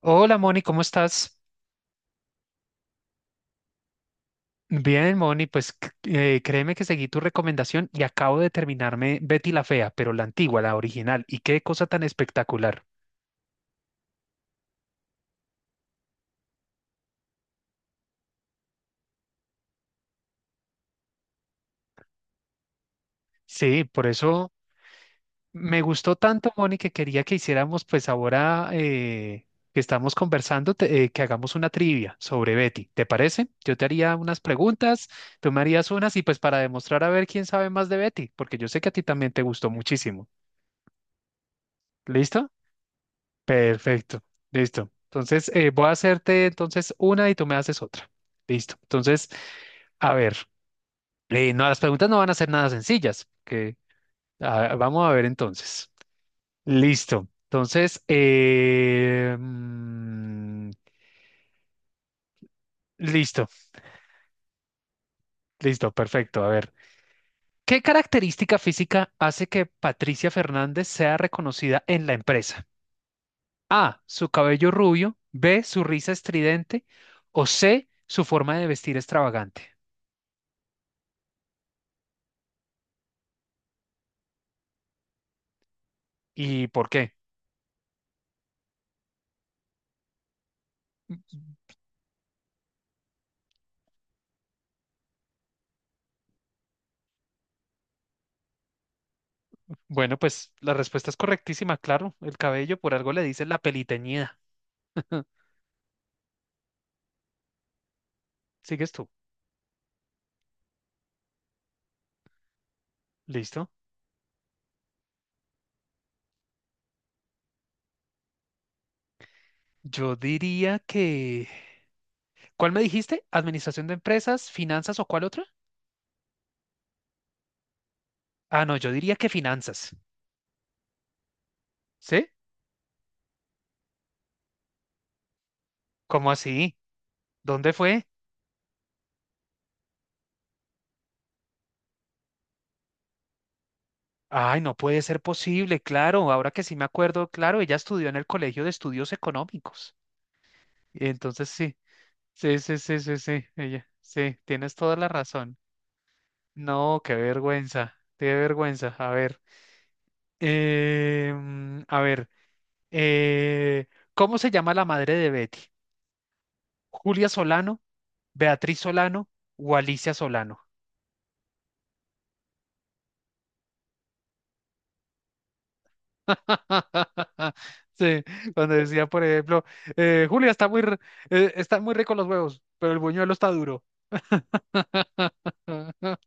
Hola Moni, ¿cómo estás? Bien, Moni, pues créeme que seguí tu recomendación y acabo de terminarme Betty la Fea, pero la antigua, la original. Y qué cosa tan espectacular. Sí, por eso me gustó tanto, Moni, que quería que hiciéramos, pues ahora que estamos conversando, que hagamos una trivia sobre Betty. ¿Te parece? Yo te haría unas preguntas, tú me harías unas y pues para demostrar a ver quién sabe más de Betty, porque yo sé que a ti también te gustó muchísimo. ¿Listo? Perfecto, listo. Entonces, voy a hacerte entonces una y tú me haces otra. Listo. Entonces, a ver, no, las preguntas no van a ser nada sencillas, que ah, vamos a ver entonces. Listo. Entonces, listo, listo, perfecto. A ver, ¿qué característica física hace que Patricia Fernández sea reconocida en la empresa? A, su cabello rubio, B, su risa estridente o C, su forma de vestir extravagante. ¿Y por qué? Bueno, pues la respuesta es correctísima, claro. El cabello por algo le dicen la peliteñida. ¿Sigues tú? ¿Listo? Yo diría que... ¿Cuál me dijiste? ¿Administración de empresas, finanzas o cuál otra? Ah, no, yo diría que finanzas. ¿Sí? ¿Cómo así? ¿Dónde fue? Ay, no puede ser posible, claro. Ahora que sí me acuerdo, claro, ella estudió en el Colegio de Estudios Económicos. Entonces sí, sí, sí, sí, sí, sí, ella, sí, tienes toda la razón. No, qué vergüenza, qué vergüenza. A ver, a ver, eh, ¿cómo se llama la madre de Betty? ¿Julia Solano, Beatriz Solano o Alicia Solano? Sí, cuando decía, por ejemplo, Julia está está muy rico los huevos, pero el buñuelo está duro.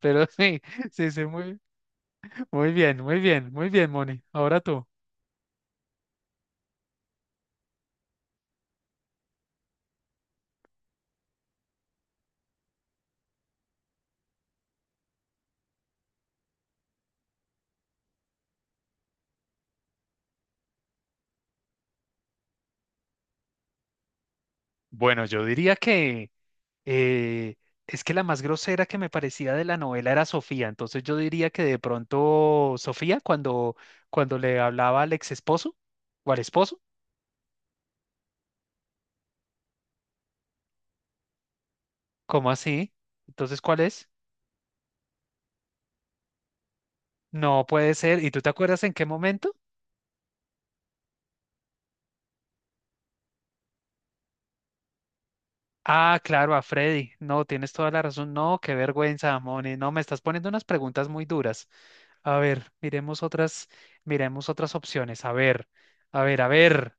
Pero sí, sí, sí, muy, muy bien, muy bien, muy bien, Moni. Ahora tú. Bueno, yo diría que eh, es que la más grosera que me parecía de la novela era Sofía, entonces yo diría que de pronto Sofía cuando, cuando le hablaba al ex esposo o al esposo, ¿cómo así? Entonces, ¿cuál es? No puede ser. ¿Y tú te acuerdas en qué momento? Ah, claro, a Freddy. No, tienes toda la razón. No, qué vergüenza, Moni. No, me estás poniendo unas preguntas muy duras. A ver, miremos otras opciones. A ver, a ver, a ver.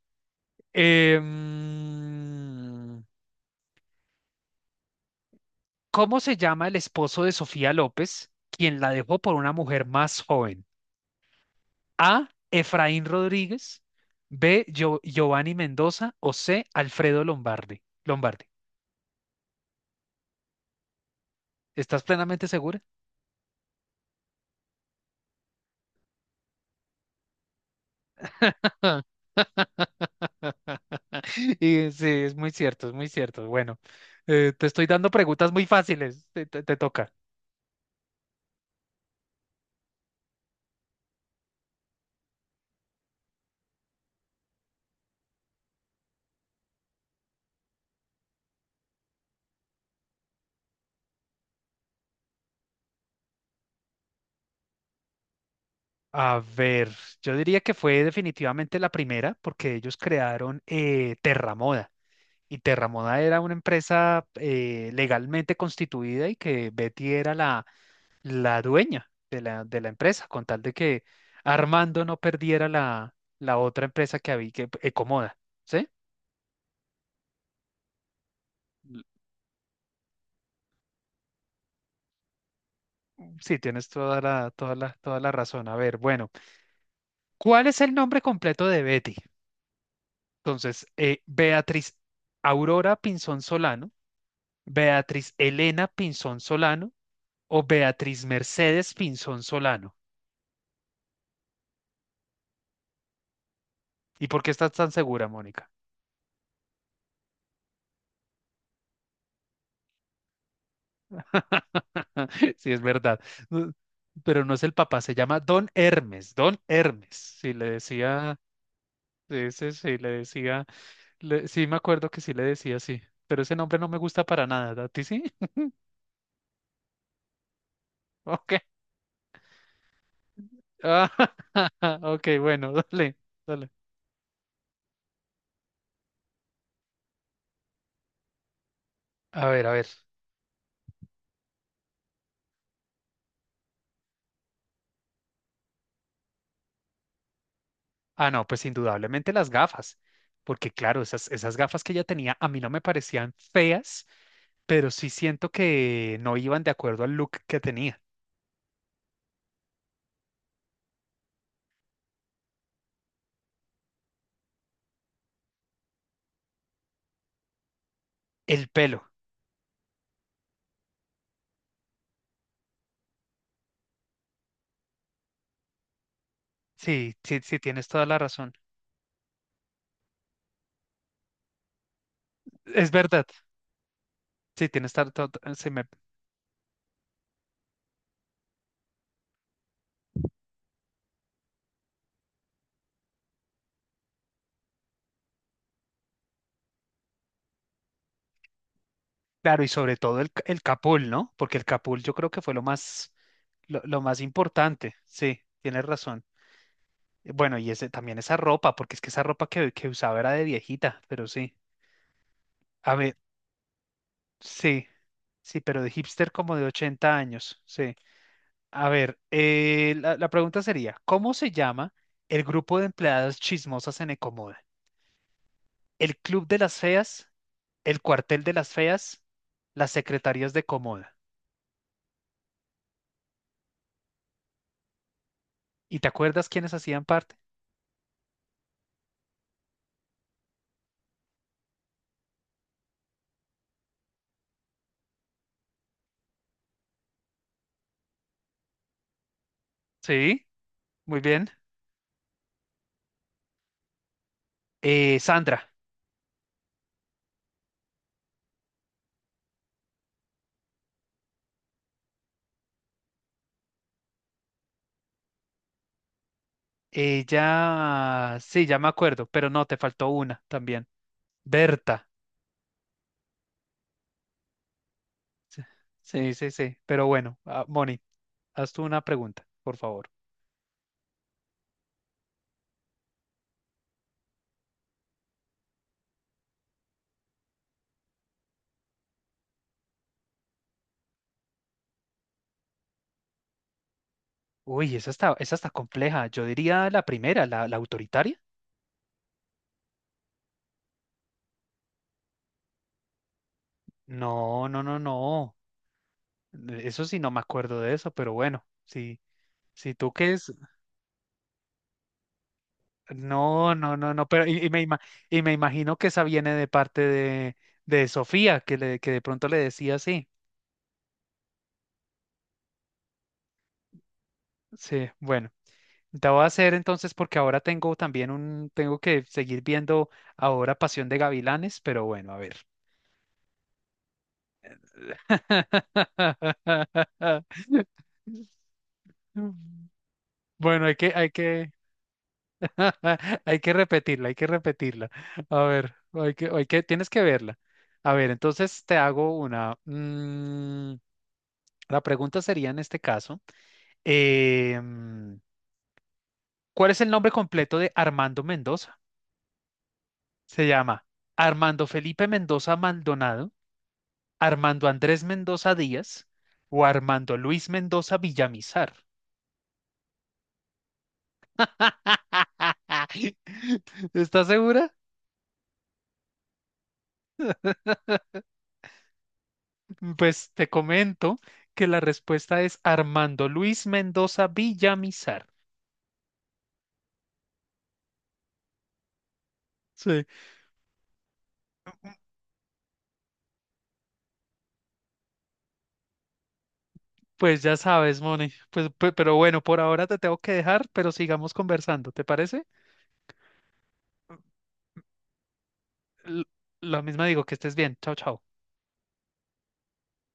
Em, ¿cómo se llama el esposo de Sofía López, quien la dejó por una mujer más joven? A. Efraín Rodríguez. B. Giovanni Mendoza. O C. Alfredo Lombardi. ¿Estás plenamente segura? Y sí, es muy cierto, es muy cierto. Bueno, te estoy dando preguntas muy fáciles. Te toca. A ver, yo diría que fue definitivamente la primera porque ellos crearon Terramoda. Y Terramona era una empresa legalmente constituida y que Betty era la dueña de de la empresa, con tal de que Armando no perdiera la otra empresa que había, que Ecomoda, ¿sí? L- Sí, tienes toda toda la razón. A ver, bueno, ¿cuál es el nombre completo de Betty? Entonces, Beatriz Aurora Pinzón Solano, Beatriz Elena Pinzón Solano o Beatriz Mercedes Pinzón Solano. ¿Y por qué estás tan segura, Mónica? Sí, es verdad. No, pero no es el papá, se llama Don Hermes, Don Hermes. Si le decía, ese sí, le decía, sí me acuerdo que sí le decía así, pero ese nombre no me gusta para nada, ¿a ti sí? Ok. Ah, ok, bueno, dale, dale. A ver, a ver. Ah, no, pues indudablemente las gafas, porque claro, esas gafas que ella tenía a mí no me parecían feas, pero sí siento que no iban de acuerdo al look que tenía. El pelo. Sí, sí, sí, tienes toda la razón. Es verdad. Sí, tienes toda, se me, claro, y sobre todo el Capul, ¿no? Porque el Capul yo creo que fue lo más importante. Sí, tienes razón. Bueno, y ese, también esa ropa, porque es que esa ropa que usaba era de viejita, pero sí. A ver, sí, sí, pero de hipster como de 80 años, sí. A ver, la pregunta sería, ¿cómo se llama el grupo de empleadas chismosas en Ecomoda? El Club de las Feas, el Cuartel de las Feas, las Secretarias de Comoda. ¿Y te acuerdas quiénes hacían parte? Sí, muy bien. Sandra. Ella, sí, ya me acuerdo, pero no, te faltó una también. Berta. Sí, sí, sí, sí. Pero bueno, ah, Moni, haz tú una pregunta, por favor. Uy, esa está compleja. Yo diría la primera, la autoritaria. No, no, no, no. Eso sí, no me acuerdo de eso, pero bueno, sí. Si tú que es, no, no, no, no, pero y me, ima- y me imagino que esa viene de parte de Sofía, que de pronto le decía así. Sí, bueno, te voy a hacer entonces porque ahora tengo también un, tengo que seguir viendo ahora Pasión de Gavilanes, pero bueno, a ver. Bueno, hay que, hay que repetirla, hay que repetirla. A ver, hay que, tienes que verla. A ver, entonces te hago una. La pregunta sería en este caso, eh, mm, ¿cuál es el nombre completo de Armando Mendoza? Se llama Armando Felipe Mendoza Maldonado, Armando Andrés Mendoza Díaz o Armando Luis Mendoza Villamizar. ¿Estás segura? Pues te comento que la respuesta es Armando Luis Mendoza Villamizar. Sí, pues ya sabes, Moni. Pues, pero bueno, por ahora te tengo que dejar, pero sigamos conversando, ¿te parece? L- lo mismo digo, que estés bien. Chao, chao.